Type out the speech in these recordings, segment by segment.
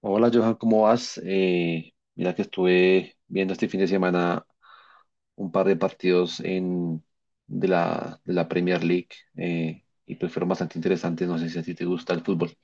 Hola Johan, ¿cómo vas? Mira que estuve viendo este fin de semana un par de partidos de la Premier League y pues fueron bastante interesantes. No sé si a ti te gusta el fútbol.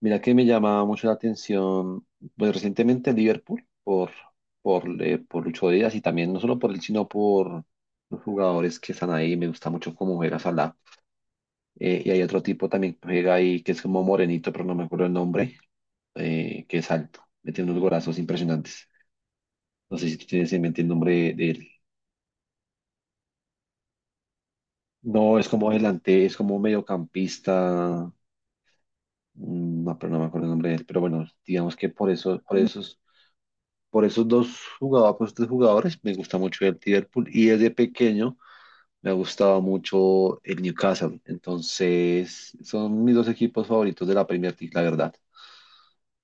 Mira que me llama mucho la atención, pues recientemente el Liverpool por Lucho Díaz, y también no solo por él, sino por los jugadores que están ahí. Me gusta mucho cómo juega Salah. Y hay otro tipo también que juega ahí que es como morenito, pero no me acuerdo el nombre. Que es alto, metiendo unos golazos impresionantes. No sé si tú tienes en mente el nombre de él. No, es como adelante, es como mediocampista, no, pero no me acuerdo el nombre de él. Pero bueno, digamos que por eso, por esos dos jugadores, por esos tres jugadores, me gusta mucho el Liverpool. Y desde pequeño me ha gustado mucho el Newcastle. Entonces, son mis dos equipos favoritos de la Premier League, la verdad.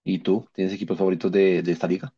¿Y tú? ¿Tienes equipos favoritos de esta liga?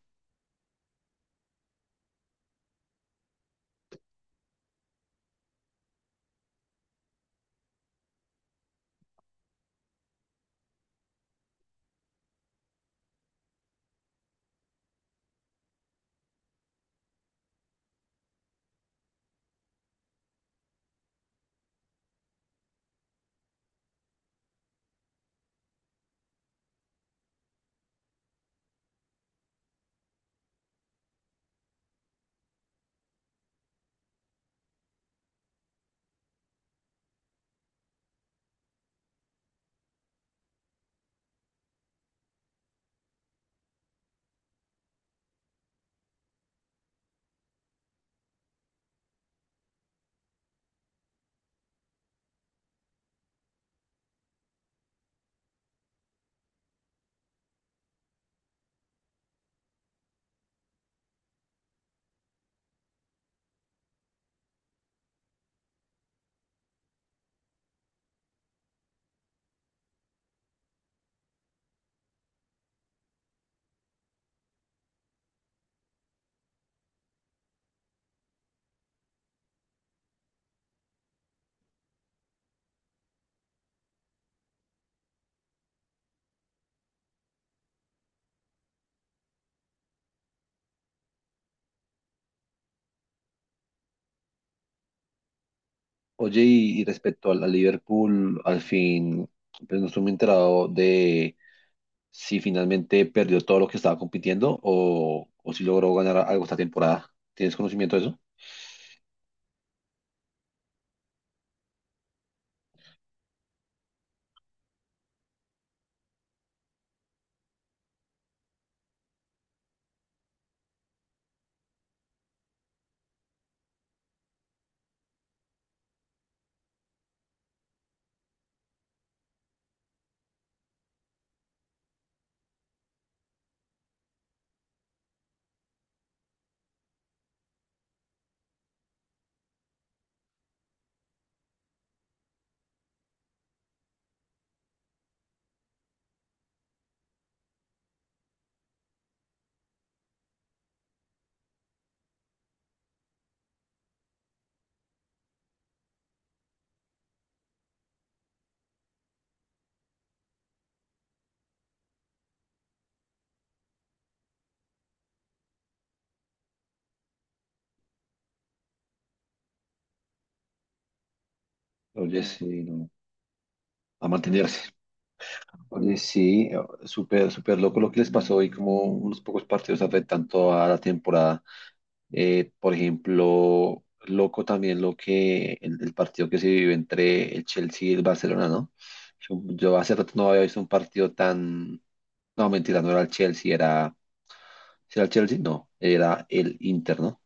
Oye, y respecto al Liverpool, al fin, pues no estoy muy enterado de si finalmente perdió todo lo que estaba compitiendo, o si logró ganar algo esta temporada. ¿Tienes conocimiento de eso? Oye, mm, sí, no. A mantenerse. Oye, sí, súper, súper loco lo que les pasó y como unos pocos partidos afectan toda la temporada. Por ejemplo, loco también lo que el partido que se vivió entre el Chelsea y el Barcelona, ¿no? Yo hace rato no había visto un partido tan... No, mentira, no era el Chelsea, era... ¿Sí era el Chelsea? No, era el Inter, ¿no?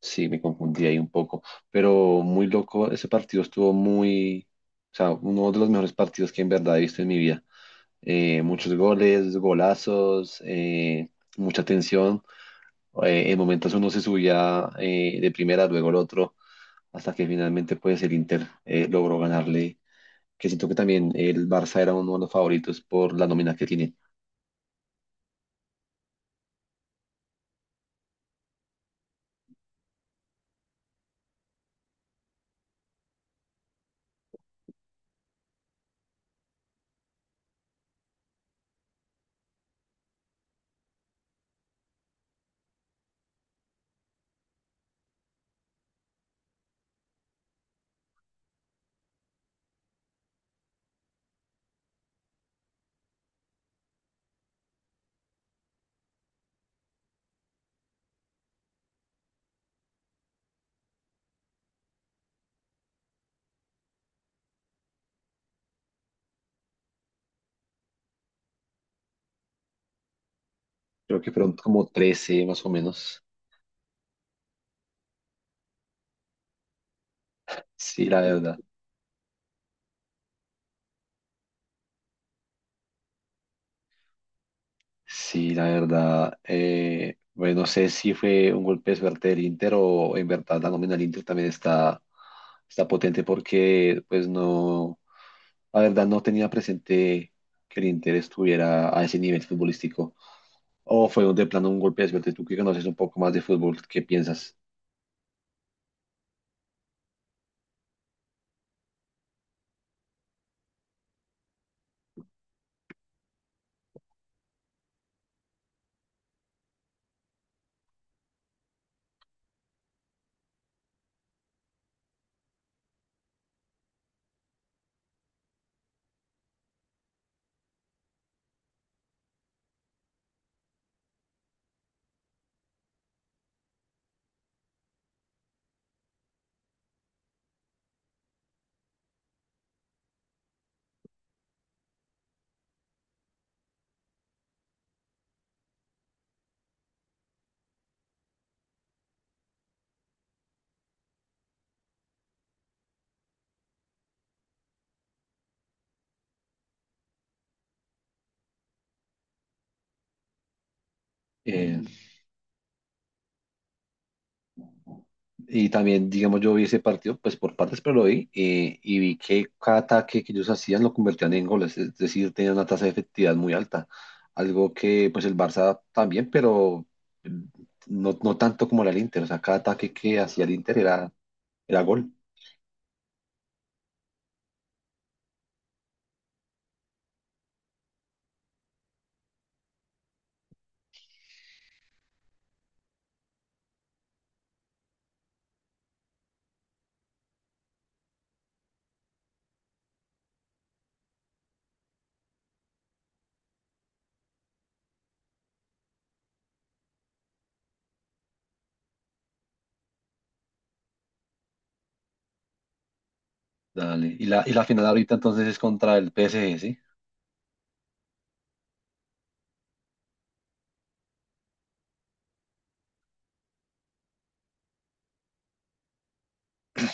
Sí, me confundí ahí un poco, pero muy loco, ese partido estuvo muy, o sea, uno de los mejores partidos que en verdad he visto en mi vida. Muchos goles, golazos, mucha tensión. En momentos uno se subía de primera, luego el otro, hasta que finalmente pues el Inter logró ganarle, que siento que también el Barça era uno de los favoritos por la nómina que tiene. Creo que fueron como 13 más o menos. Sí, la verdad. Sí, la verdad, bueno, no sé si fue un golpe de suerte del Inter o en verdad la nómina del Inter también está, está potente porque pues no, la verdad no tenía presente que el Inter estuviera a ese nivel futbolístico o fue un- de plano un golpe de suerte. Tú que conoces un poco más de fútbol, ¿qué piensas? Eh, Y también, digamos, yo vi ese partido, pues por partes, pero lo vi, y vi que cada ataque que ellos hacían lo convertían en goles, es decir, tenían una tasa de efectividad muy alta, algo que pues el Barça también, pero mm, no, no tanto como era el Inter, o sea, cada ataque que hacía el Inter era, era gol. Dale. Y y la final ahorita entonces es contra el PSG, ¿sí?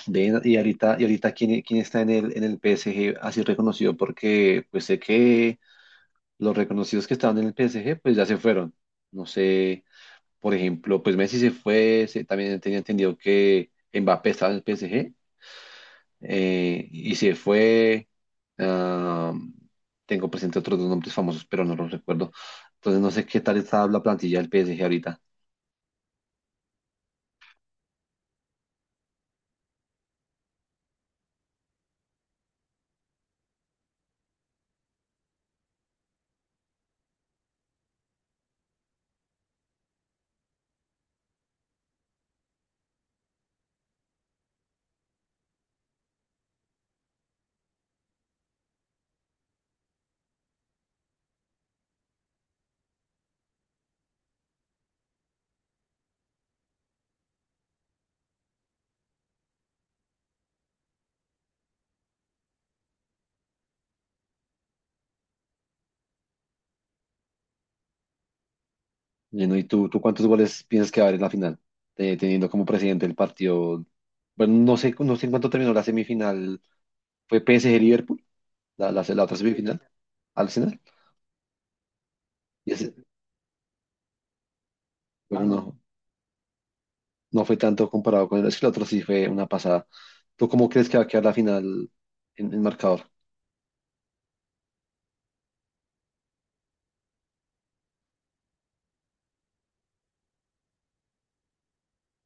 Ven, y ahorita ¿quién, quién está en el PSG así reconocido? Porque pues sé que los reconocidos que estaban en el PSG pues ya se fueron. No sé. Por ejemplo, pues Messi se fue, se- también tenía entendido que Mbappé estaba en el PSG, y se fue. Ah, tengo presente otros dos nombres famosos, pero no los recuerdo. Entonces no sé qué tal está la plantilla del PSG ahorita. Bueno, ¿y tú cuántos goles piensas que va a haber en la final? Teniendo como presidente el partido. Bueno, no sé, no sé en cuánto terminó la semifinal. ¿Fue PSG Liverpool? La otra semifinal, Arsenal. Y ese, bueno, no, no fue tanto comparado con el, es que el otro sí fue una pasada. ¿Tú cómo crees que va a quedar la final en el marcador?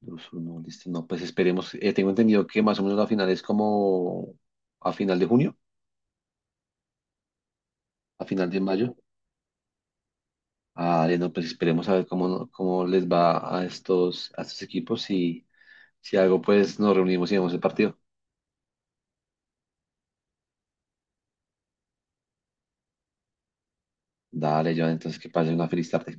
2-1, listo. No, pues esperemos. Tengo entendido que más o menos la final es como a final de junio, a final de mayo. Ah, no, pues esperemos a ver cómo, no- cómo les va a estos equipos, y si algo, pues nos reunimos y vemos el partido. Dale, Joan, entonces que pasen una feliz tarde.